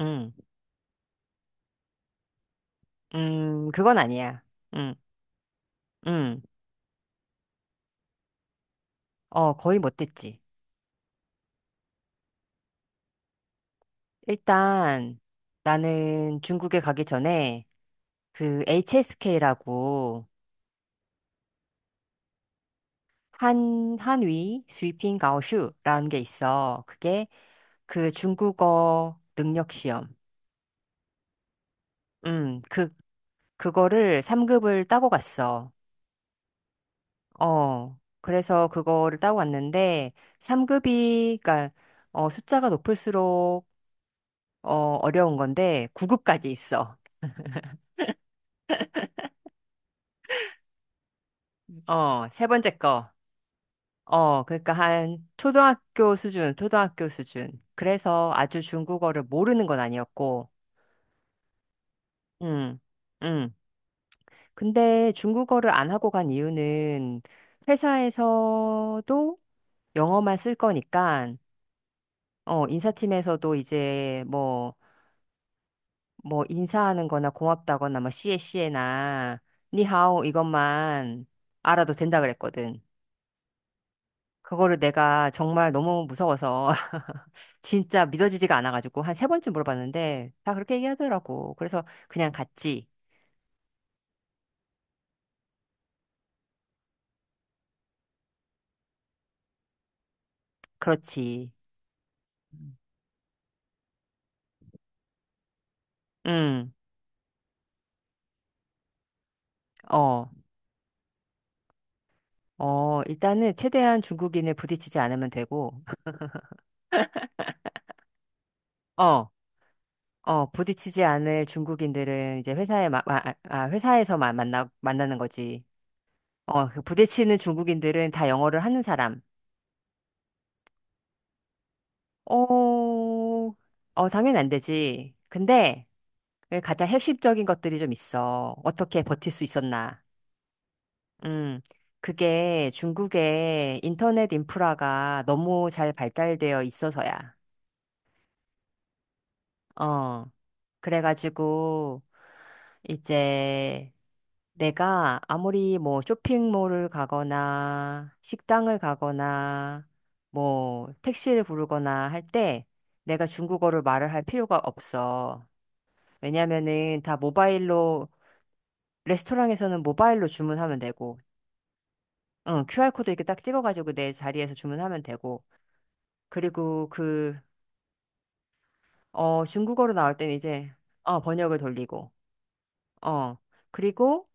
음, 그건 아니야. 음, 음, 어, 거의 못됐지. 일단 나는 중국에 가기 전에 그 HSK라고 한위 스위핑 가오슈라는 게 있어. 그게 그 중국어 능력 시험. 음, 그, 그거를 3급을 따고 갔어. 어, 그래서 그거를 따고 갔는데 3급이, 그니까, 숫자가 높을수록 어, 어려운 건데 9급까지 있어. 어, 세 번째 거. 어, 그러니까 한 초등학교 수준, 초등학교 수준. 그래서 아주 중국어를 모르는 건 아니었고, 음, 음. 근데 중국어를 안 하고 간 이유는 회사에서도 영어만 쓸 거니까, 인사팀에서도 이제 뭐, 뭐, 인사하는 거나 고맙다거나, 뭐, 씨에 씨에나, 니하오 이것만 알아도 된다 그랬거든. 그거를 내가 정말 너무 무서워서, 진짜 믿어지지가 않아가지고 한 세 번쯤 물어봤는데 다 그렇게 얘기하더라고. 그래서 그냥 갔지. 그렇지. 응. 어. 어, 일단은 최대한 중국인을 부딪히지 않으면 되고, 어, 어, 부딪히지 않을 중국인들은 이제 회사에, 아, 회사에서 만나는 거지. 어, 그 부딪히는 중국인들은 다 영어를 하는 사람. 어, 어, 당연히 안 되지. 근데 그 가장 핵심적인 것들이 좀 있어. 어떻게 버틸 수 있었나. 음, 그게 중국의 인터넷 인프라가 너무 잘 발달되어 있어서야. 어, 그래가지고, 이제 내가 아무리 뭐 쇼핑몰을 가거나 식당을 가거나 뭐 택시를 부르거나 할 때 내가 중국어를 말을 할 필요가 없어. 왜냐면은 다 모바일로, 레스토랑에서는 모바일로 주문하면 되고, 응, QR코드 이렇게 딱 찍어가지고 내 자리에서 주문하면 되고, 그리고 그, 어, 중국어로 나올 때는 이제, 어, 번역을 돌리고, 어, 그리고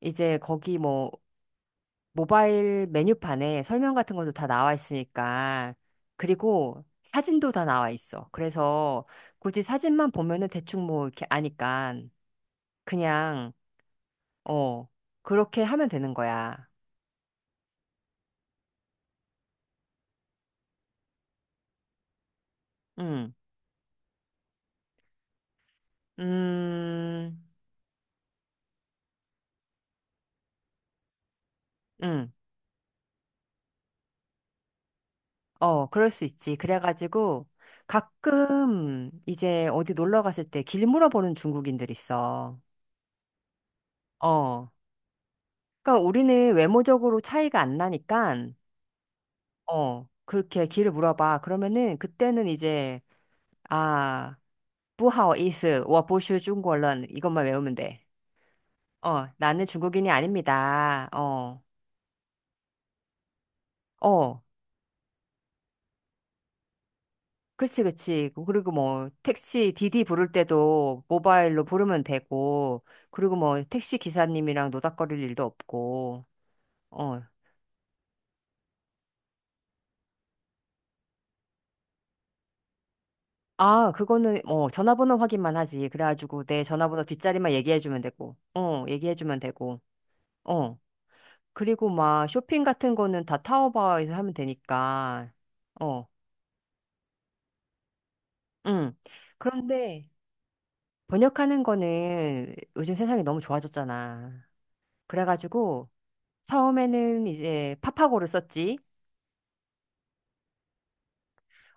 이제 거기 뭐, 모바일 메뉴판에 설명 같은 것도 다 나와 있으니까, 그리고 사진도 다 나와 있어. 그래서 굳이 사진만 보면은 대충 뭐 이렇게 아니까, 그냥, 어, 그렇게 하면 되는 거야. 응, 음, 응. 어, 그럴 수 있지. 그래가지고 가끔 이제 어디 놀러 갔을 때 길 물어보는 중국인들 있어. 어. 그러니까 우리는 외모적으로 차이가 안 나니까 어, 그렇게 길을 물어봐. 그러면은 그때는 이제 아, 不好意思,我不是中国人. 이것만 외우면 돼. 어, 나는 중국인이 아닙니다. 어. 어. 그치, 그치. 그, 그리고 뭐, 택시, 디디 부를 때도 모바일로 부르면 되고, 그리고 뭐, 택시 기사님이랑 노닥거릴 일도 없고, 어. 아, 그거는, 어, 전화번호 확인만 하지. 그래가지고 내 전화번호 뒷자리만 얘기해주면 되고, 어. 그리고 막, 쇼핑 같은 거는 다 타오바오에서 하면 되니까, 어, 응. 그런데, 번역하는 거는 요즘 세상이 너무 좋아졌잖아. 그래가지고, 처음에는 이제 파파고를 썼지.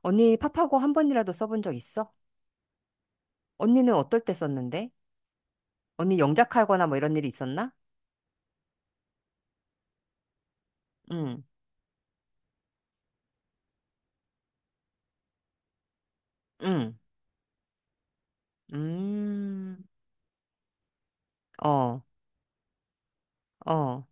언니 파파고 한 번이라도 써본 적 있어? 언니는 어떨 때 썼는데? 언니 영작하거나 뭐 이런 일이 있었나? 응, 응, 음, 어, 어,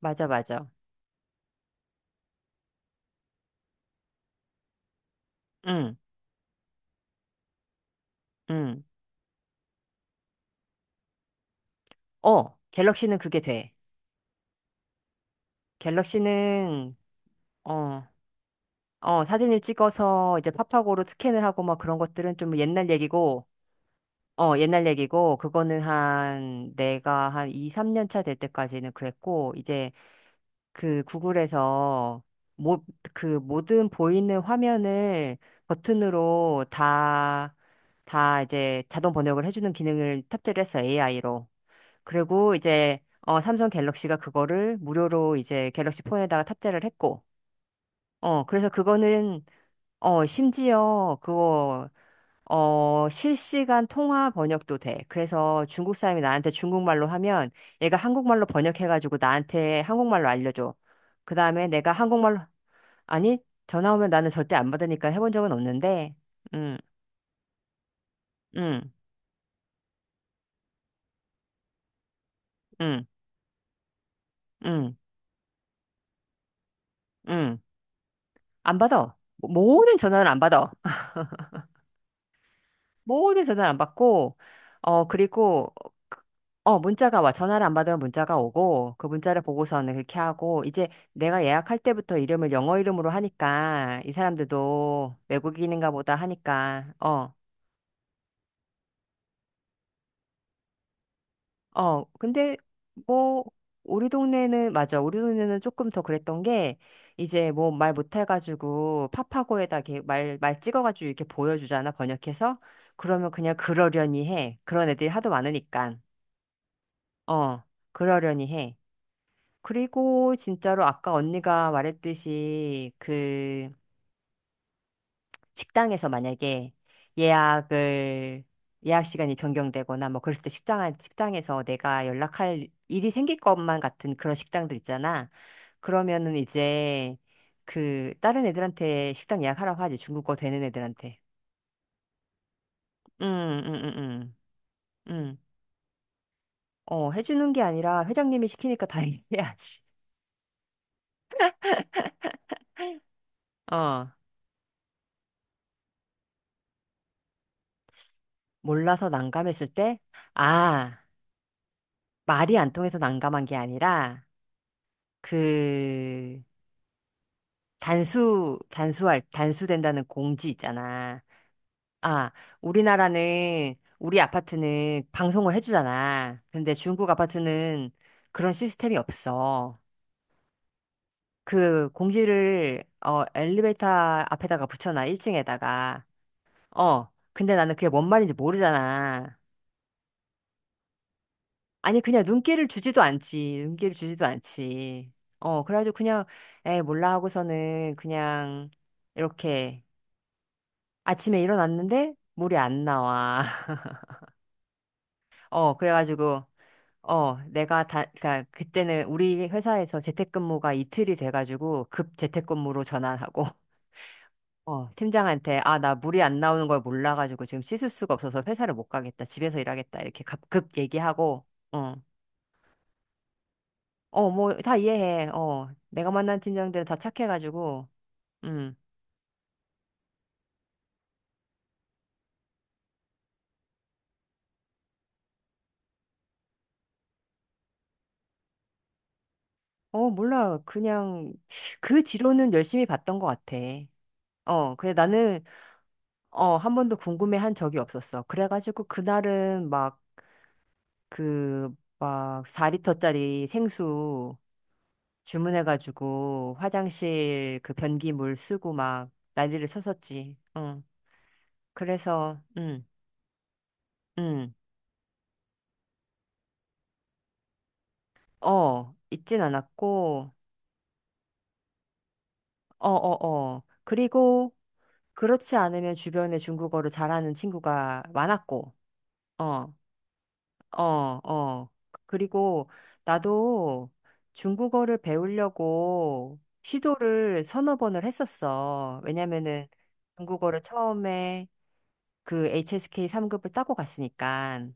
맞아, 맞아. 응, 응. 어, 갤럭시는 그게 돼. 갤럭시는, 어, 어, 사진을 찍어서 이제 파파고로 스캔을 하고 막 그런 것들은 좀 옛날 얘기고, 어, 옛날 얘기고, 그거는 한, 내가 한 2, 3년 차 될 때까지는 그랬고, 이제 그 구글에서 모, 그 모든 보이는 화면을 버튼으로 다, 다 이제 자동 번역을 해주는 기능을 탑재를 했어, AI로. 그리고 이제, 어, 삼성 갤럭시가 그거를 무료로 이제 갤럭시 폰에다가 탑재를 했고, 어, 그래서 그거는, 어, 심지어 그거 어, 실시간 통화 번역도 돼. 그래서 중국 사람이 나한테 중국말로 하면 얘가 한국말로 번역해가지고 나한테 한국말로 알려줘. 그 다음에 내가 한국말로, 아니, 전화 오면 나는 절대 안 받으니까 해본 적은 없는데, 음, 음, 음, 음, 음. 안 받아. 모든 전화는 안 받아. 모든 전화를 안 받고, 어, 그리고, 그- 어, 문자가 와. 전화를 안 받으면 문자가 오고, 그 문자를 보고서는 그렇게 하고, 이제 내가 예약할 때부터 이름을 영어 이름으로 하니까, 이 사람들도 외국인인가 보다 하니까, 어, 어, 근데 뭐, 우리 동네는, 맞아. 우리 동네는 조금 더 그랬던 게, 이제 뭐 말 못해가지고, 파파고에다 이렇게 말 찍어가지고 이렇게 보여주잖아, 번역해서. 그러면 그냥 그러려니 해. 그런 애들이 하도 많으니까. 어, 그러려니 해. 그리고 진짜로 아까 언니가 말했듯이 그 식당에서 만약에 예약을 예약 시간이 변경되거나 뭐 그랬을 때 식당에서 내가 연락할 일이 생길 것만 같은 그런 식당들 있잖아. 그러면은 이제 그 다른 애들한테 식당 예약하라고 하지 중국어 되는 애들한테. 음, 음, 음, 음. 어, 해주는 게 아니라 회장님이 시키니까 다 해야지. 어. 몰라서 난감했을 때? 아, 말이 안 통해서 난감한 게 아니라, 그, 단수된다는 공지 있잖아. 아, 우리나라는, 우리 아파트는 방송을 해주잖아. 근데 중국 아파트는 그런 시스템이 없어. 그 공지를, 어, 엘리베이터 앞에다가 붙여놔, 1층에다가. 어, 근데 나는 그게 뭔 말인지 모르잖아. 아니, 그냥 눈길을 주지도 않지. 눈길을 주지도 않지. 어, 그래가지고 그냥, 에, 몰라 하고서는 그냥, 이렇게, 아침에 일어났는데, 물이 안 나와. 어, 그래가지고, 어, 내가 다, 그니까, 그때는 우리 회사에서 재택근무가 이틀이 돼가지고, 급 재택근무로 전환하고, 어, 팀장한테, 아, 나 물이 안 나오는 걸 몰라가지고, 지금 씻을 수가 없어서 회사를 못 가겠다. 집에서 일하겠다. 이렇게 급 얘기하고, 어. 어, 뭐, 다 이해해. 어, 내가 만난 팀장들은 다 착해가지고, 음. 어, 몰라. 그냥, 그 뒤로는 열심히 봤던 것 같아. 어, 근데 나는, 어, 한 번도 궁금해 한 적이 없었어. 그래가지고, 그날은 막, 그, 막, 4리터짜리 생수 주문해가지고, 화장실 그 변기물 쓰고 막, 난리를 쳤었지. 응. 그래서, 음. 어, 있진 않았고, 어, 어, 어. 그리고, 그렇지 않으면 주변에 중국어를 잘하는 친구가 많았고, 어, 어, 어. 그리고 나도 중국어를 배우려고 시도를 서너 번을 했었어. 왜냐면은 중국어를 처음에 그 HSK 3급을 따고 갔으니까.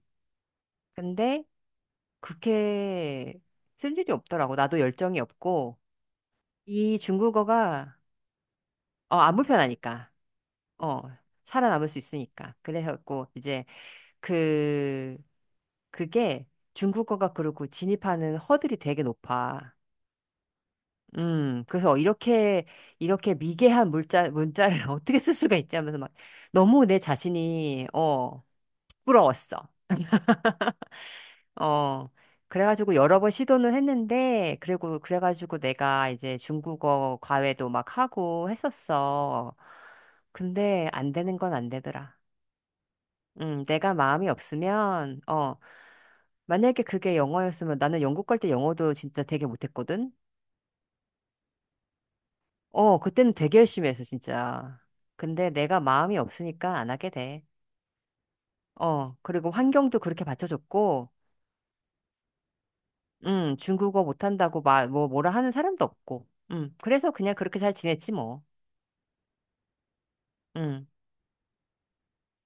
근데 그렇게 쓸 일이 없더라고. 나도 열정이 없고, 이 중국어가, 어, 안 불편하니까. 어, 살아남을 수 있으니까. 그래갖고, 이제, 그 그게 중국어가 그렇고 진입하는 허들이 되게 높아. 그래서 이렇게, 이렇게 미개한 문자를 어떻게 쓸 수가 있지 하면서 막 너무 내 자신이, 어, 부러웠어. 어. 그래가지고 여러 번 시도는 했는데, 그리고 그래가지고 내가 이제 중국어 과외도 막 하고 했었어. 근데 안 되는 건 안 되더라. 내가 마음이 없으면, 어, 만약에 그게 영어였으면 나는 영국 갈 때 영어도 진짜 되게 못했거든? 어, 그때는 되게 열심히 했어, 진짜. 근데 내가 마음이 없으니까 안 하게 돼. 어, 그리고 환경도 그렇게 받쳐줬고, 중국어 못한다고 마, 뭐, 뭐라 하는 사람도 없고, 그래서 그냥 그렇게 잘 지냈지, 뭐. 음.